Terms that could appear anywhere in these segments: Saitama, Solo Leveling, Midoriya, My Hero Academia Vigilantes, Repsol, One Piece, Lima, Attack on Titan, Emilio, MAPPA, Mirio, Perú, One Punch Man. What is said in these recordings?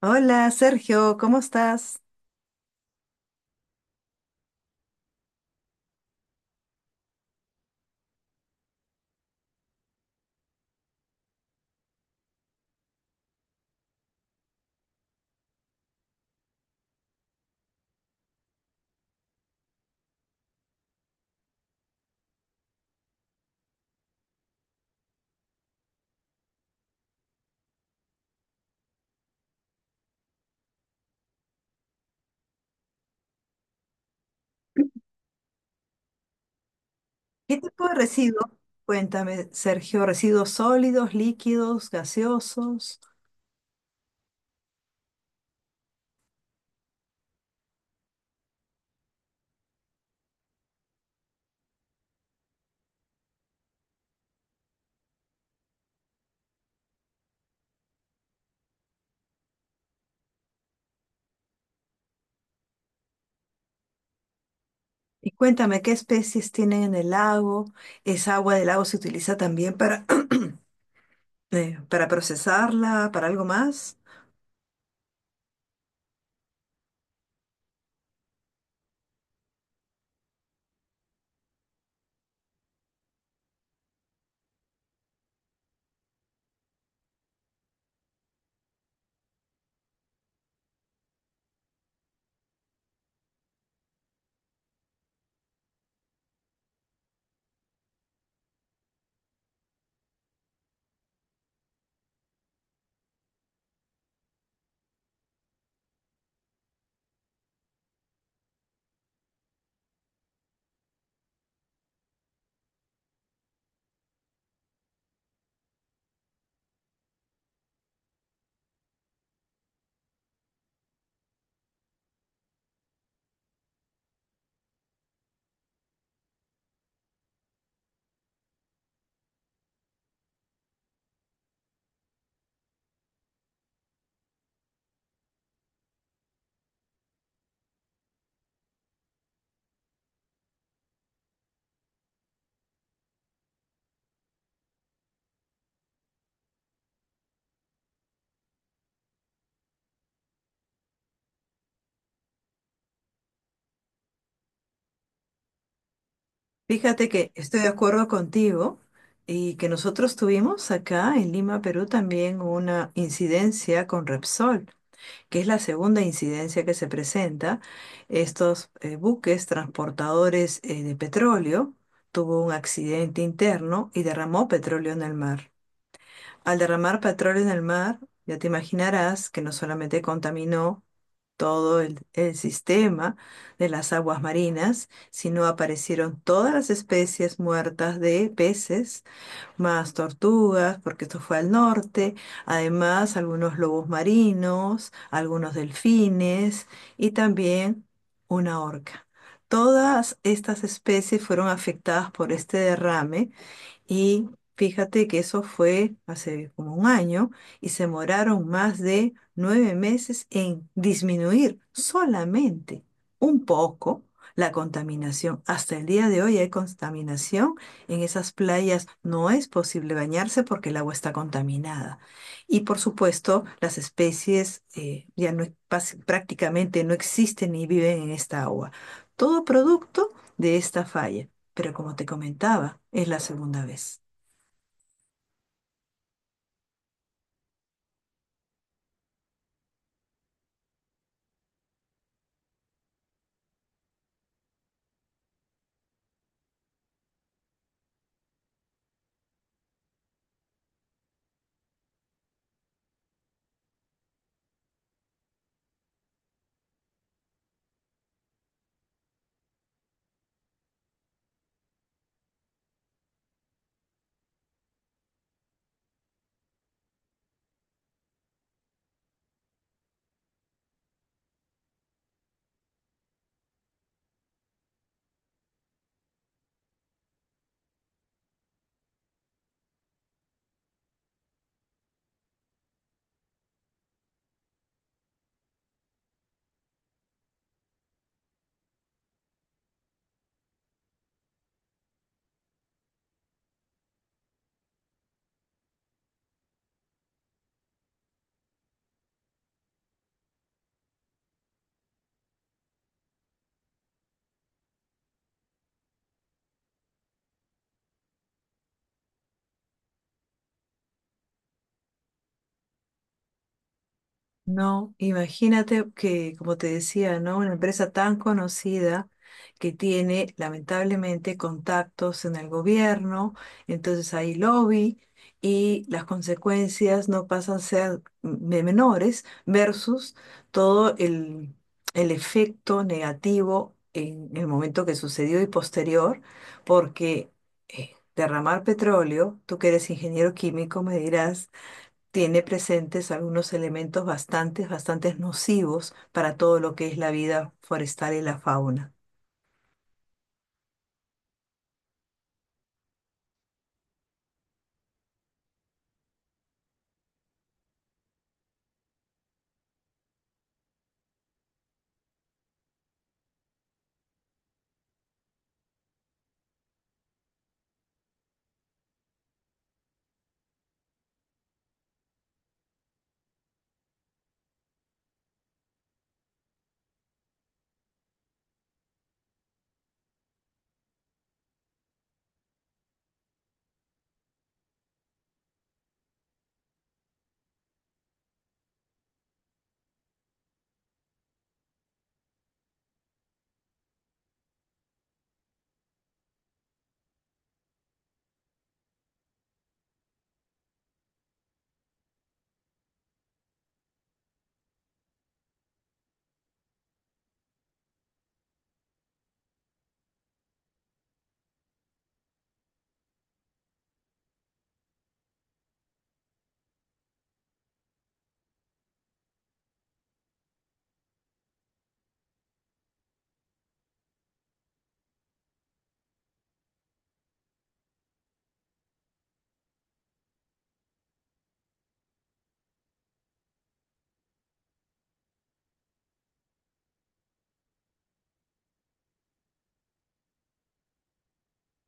Hola Sergio, ¿cómo estás? ¿Qué tipo de residuos? Cuéntame, Sergio, residuos sólidos, líquidos, gaseosos. Y cuéntame qué especies tienen en el lago. ¿Esa agua del lago se utiliza también para, para procesarla, para algo más? Fíjate que estoy de acuerdo contigo y que nosotros tuvimos acá en Lima, Perú, también una incidencia con Repsol, que es la segunda incidencia que se presenta. Estos buques transportadores de petróleo tuvo un accidente interno y derramó petróleo en el mar. Al derramar petróleo en el mar, ya te imaginarás que no solamente contaminó todo el sistema de las aguas marinas, sino aparecieron todas las especies muertas de peces más tortugas, porque esto fue al norte, además algunos lobos marinos, algunos delfines y también una orca. Todas estas especies fueron afectadas por este derrame y fíjate que eso fue hace como un año y se demoraron más de 9 meses en disminuir solamente un poco la contaminación. Hasta el día de hoy hay contaminación. En esas playas no es posible bañarse porque el agua está contaminada. Y por supuesto, las especies ya no, prácticamente no existen ni viven en esta agua. Todo producto de esta falla, pero como te comentaba, es la segunda vez. No, imagínate que, como te decía, ¿no? Una empresa tan conocida que tiene lamentablemente contactos en el gobierno, entonces hay lobby y las consecuencias no pasan a ser de menores versus todo el efecto negativo en el momento que sucedió y posterior, porque derramar petróleo, tú que eres ingeniero químico, me dirás, tiene presentes algunos elementos bastante, bastante nocivos para todo lo que es la vida forestal y la fauna.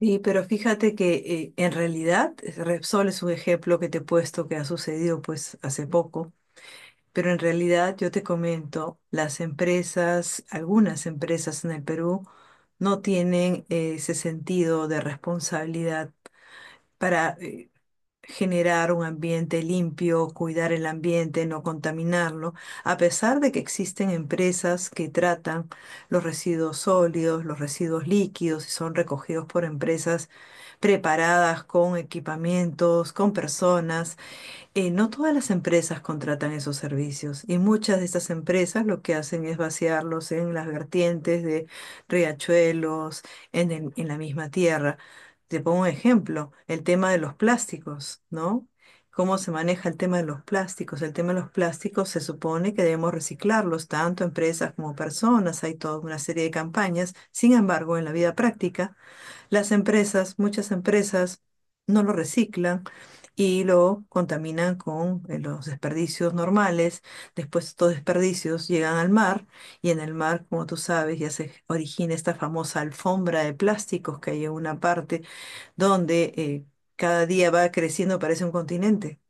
Y, pero fíjate que en realidad Repsol es un ejemplo que te he puesto que ha sucedido pues hace poco, pero en realidad yo te comento, las empresas, algunas empresas en el Perú no tienen ese sentido de responsabilidad para generar un ambiente limpio, cuidar el ambiente, no contaminarlo, a pesar de que existen empresas que tratan los residuos sólidos, los residuos líquidos y son recogidos por empresas preparadas con equipamientos, con personas. No todas las empresas contratan esos servicios y muchas de estas empresas lo que hacen es vaciarlos en las vertientes de riachuelos, en la misma tierra. Te pongo un ejemplo, el tema de los plásticos, ¿no? ¿Cómo se maneja el tema de los plásticos? El tema de los plásticos se supone que debemos reciclarlos, tanto empresas como personas, hay toda una serie de campañas. Sin embargo, en la vida práctica, las empresas, muchas empresas, no lo reciclan y lo contaminan con los desperdicios normales. Después estos desperdicios llegan al mar y en el mar, como tú sabes, ya se origina esta famosa alfombra de plásticos que hay en una parte donde cada día va creciendo, parece un continente.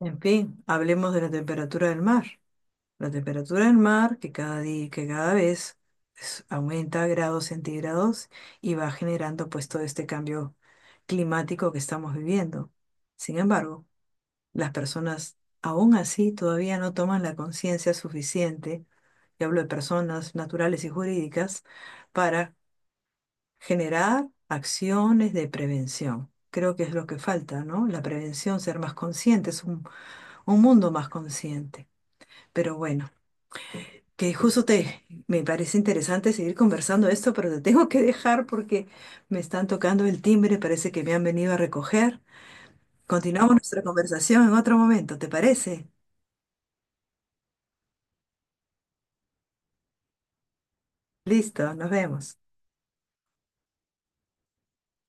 En fin, hablemos de la temperatura del mar. La temperatura del mar, que cada día, que cada vez aumenta grados centígrados y va generando pues todo este cambio climático que estamos viviendo. Sin embargo, las personas aún así todavía no toman la conciencia suficiente, y hablo de personas naturales y jurídicas, para generar acciones de prevención. Creo que es lo que falta, ¿no? La prevención, ser más conscientes, un mundo más consciente. Pero bueno, que justo te, me parece interesante seguir conversando esto, pero te tengo que dejar porque me están tocando el timbre, parece que me han venido a recoger. Continuamos nuestra conversación en otro momento, ¿te parece? Listo, nos vemos.